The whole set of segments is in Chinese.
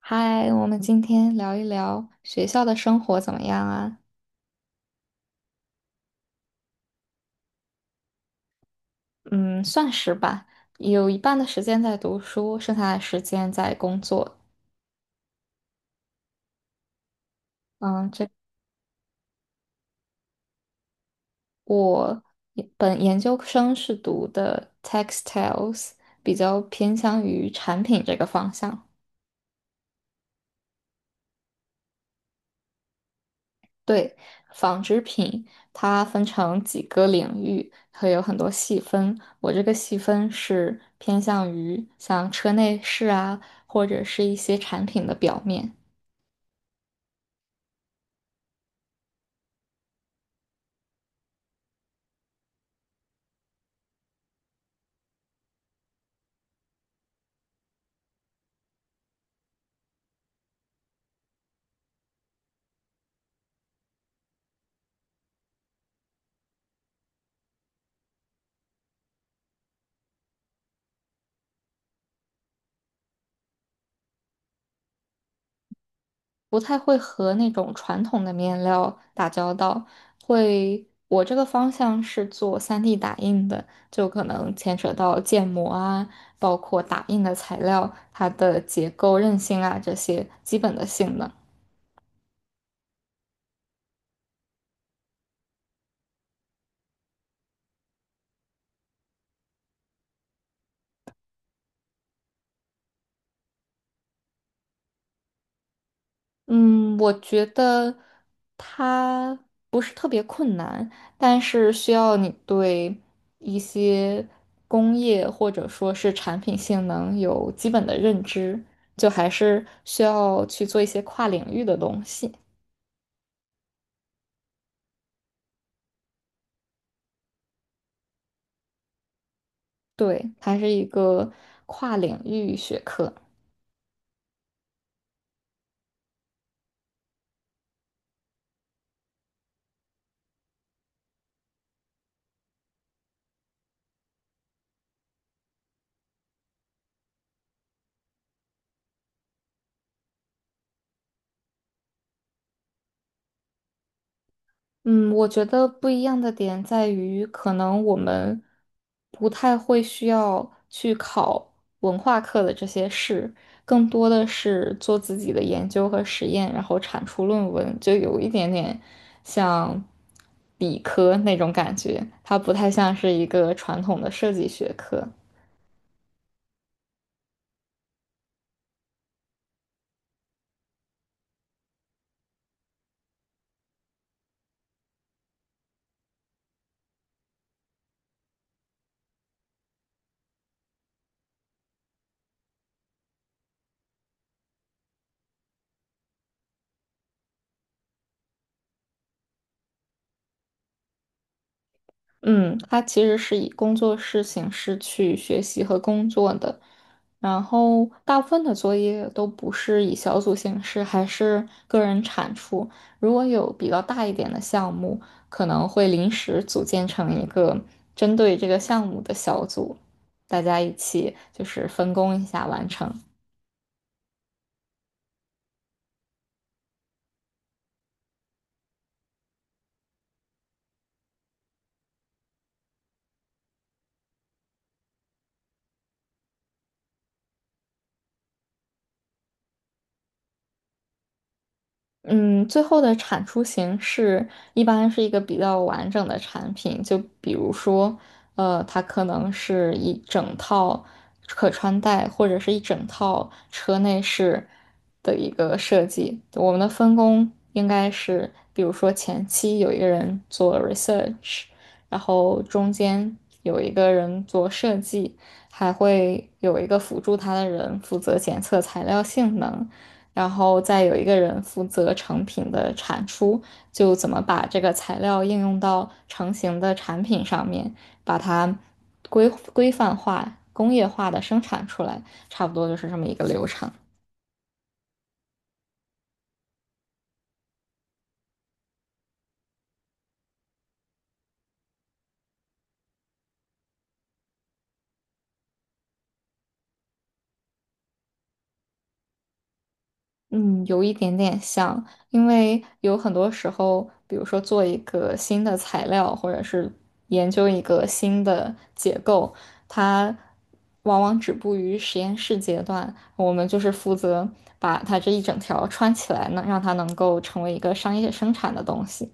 嗨，我们今天聊一聊学校的生活怎么样啊？嗯，算是吧，有一半的时间在读书，剩下的时间在工作。嗯，这我也本研究生是读的 textiles，比较偏向于产品这个方向。对，纺织品它分成几个领域，会有很多细分。我这个细分是偏向于像车内饰啊，或者是一些产品的表面。不太会和那种传统的面料打交道，会，我这个方向是做 3D 打印的，就可能牵扯到建模啊，包括打印的材料，它的结构韧性啊这些基本的性能。嗯，我觉得它不是特别困难，但是需要你对一些工业或者说是产品性能有基本的认知，就还是需要去做一些跨领域的东西。对，它是一个跨领域学科。嗯，我觉得不一样的点在于，可能我们不太会需要去考文化课的这些事，更多的是做自己的研究和实验，然后产出论文，就有一点点像理科那种感觉，它不太像是一个传统的设计学科。嗯，它其实是以工作室形式去学习和工作的，然后大部分的作业都不是以小组形式，还是个人产出。如果有比较大一点的项目，可能会临时组建成一个针对这个项目的小组，大家一起就是分工一下完成。嗯，最后的产出形式一般是一个比较完整的产品，就比如说，它可能是一整套可穿戴或者是一整套车内饰的一个设计。我们的分工应该是，比如说前期有一个人做 research，然后中间有一个人做设计，还会有一个辅助他的人负责检测材料性能。然后再有一个人负责成品的产出，就怎么把这个材料应用到成型的产品上面，把它规规范化、工业化的生产出来，差不多就是这么一个流程。嗯，有一点点像，因为有很多时候，比如说做一个新的材料，或者是研究一个新的结构，它往往止步于实验室阶段。我们就是负责把它这一整条穿起来呢，让它能够成为一个商业生产的东西。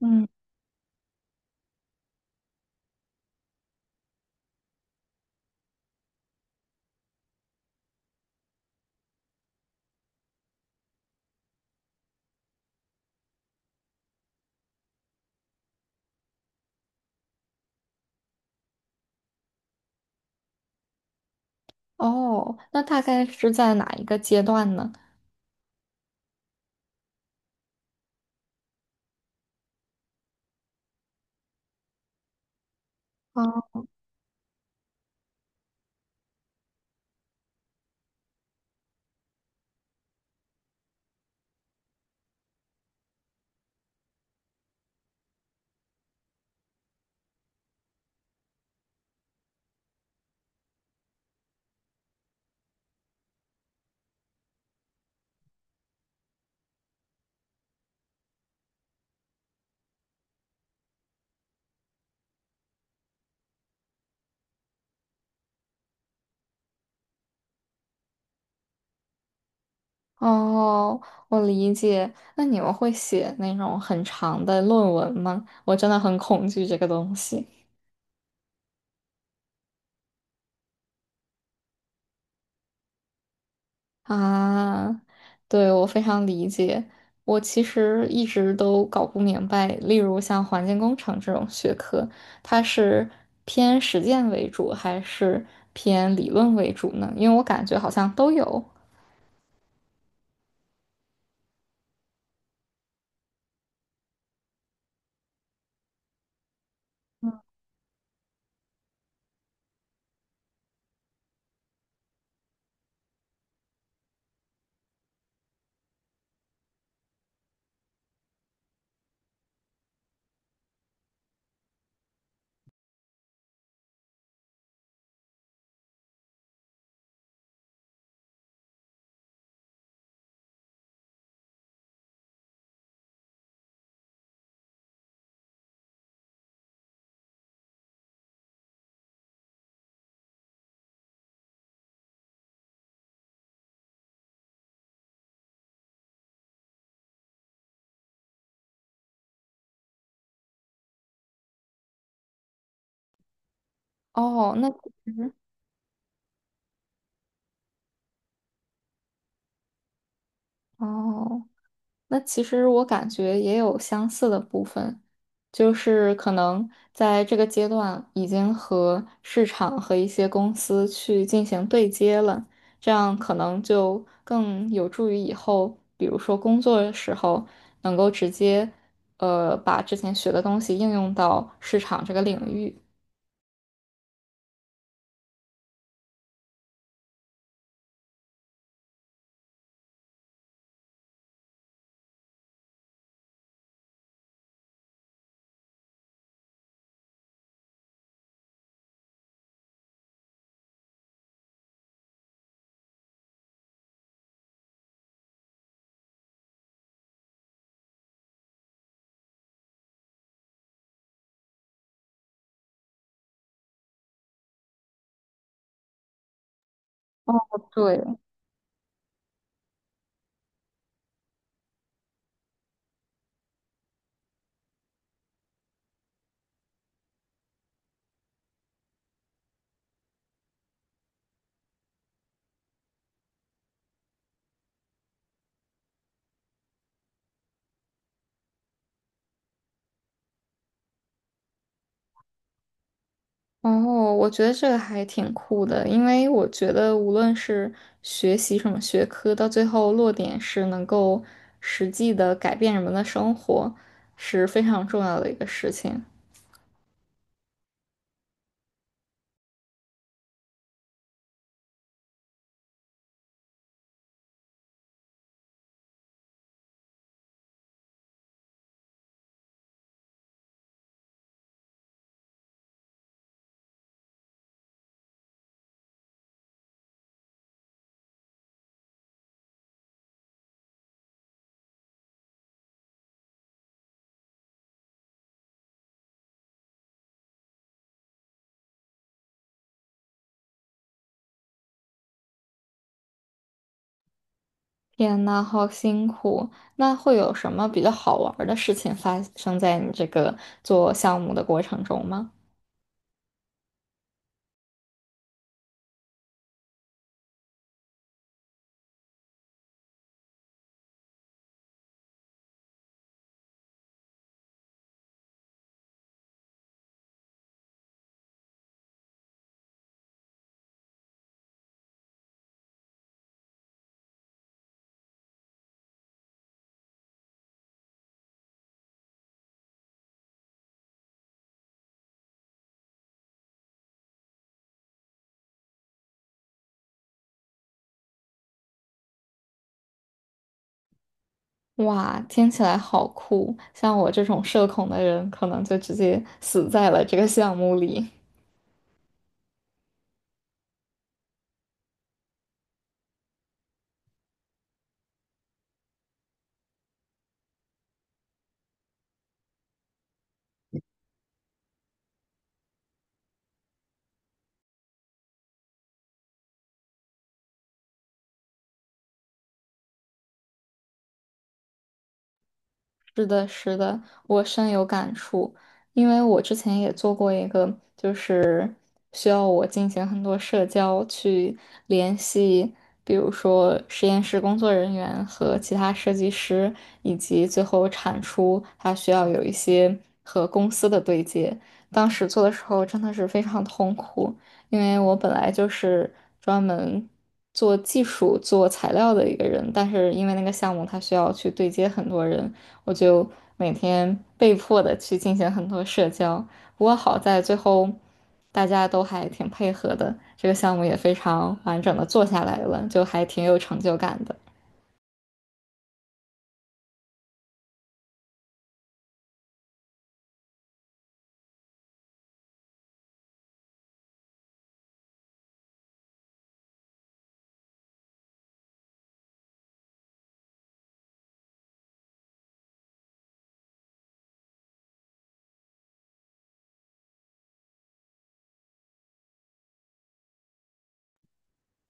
嗯，哦，那大概是在哪一个阶段呢？啊。哦，我理解。那你们会写那种很长的论文吗？我真的很恐惧这个东西啊。对，我非常理解。我其实一直都搞不明白，例如像环境工程这种学科，它是偏实践为主还是偏理论为主呢？因为我感觉好像都有。哦，那其实哦。那其实我感觉也有相似的部分，就是可能在这个阶段已经和市场和一些公司去进行对接了，这样可能就更有助于以后，比如说工作的时候能够直接，把之前学的东西应用到市场这个领域。对。哦，我觉得这个还挺酷的，因为我觉得无论是学习什么学科，到最后落点是能够实际的改变人们的生活，是非常重要的一个事情。天呐，好辛苦！那会有什么比较好玩儿的事情发生在你这个做项目的过程中吗？哇，听起来好酷！像我这种社恐的人，可能就直接死在了这个项目里。是的，是的，我深有感触，因为我之前也做过一个，需要我进行很多社交，去联系，比如说实验室工作人员和其他设计师，以及最后产出，它需要有一些和公司的对接。当时做的时候真的是非常痛苦，因为我本来就是专门做技术、做材料的一个人，但是因为那个项目它需要去对接很多人，我就每天被迫的去进行很多社交。不过好在最后大家都还挺配合的，这个项目也非常完整的做下来了，就还挺有成就感的。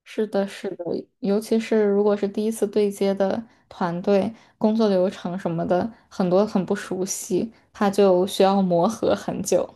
是的，是的，尤其是如果是第一次对接的团队，工作流程什么的，很多很不熟悉，他就需要磨合很久。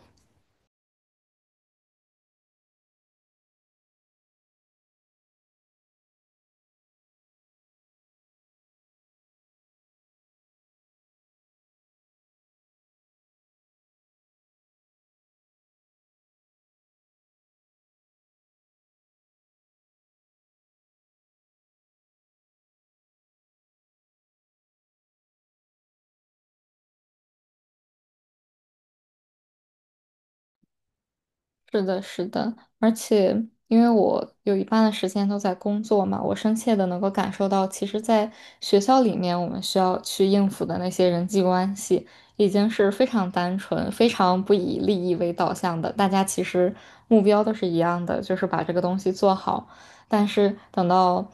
是的，是的，而且因为我有一半的时间都在工作嘛，我深切的能够感受到，其实，在学校里面，我们需要去应付的那些人际关系，已经是非常单纯、非常不以利益为导向的。大家其实目标都是一样的，就是把这个东西做好。但是等到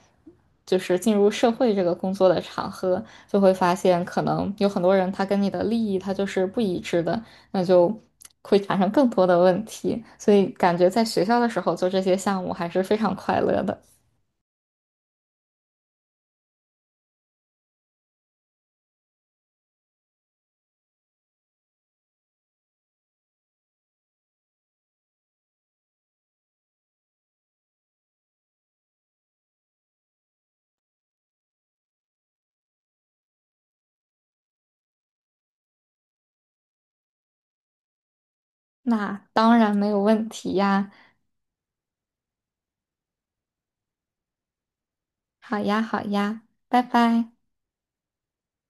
就是进入社会这个工作的场合，就会发现，可能有很多人他跟你的利益他就是不一致的。那就会产生更多的问题。所以感觉在学校的时候做这些项目还是非常快乐的。那当然没有问题呀，好呀好呀，拜拜。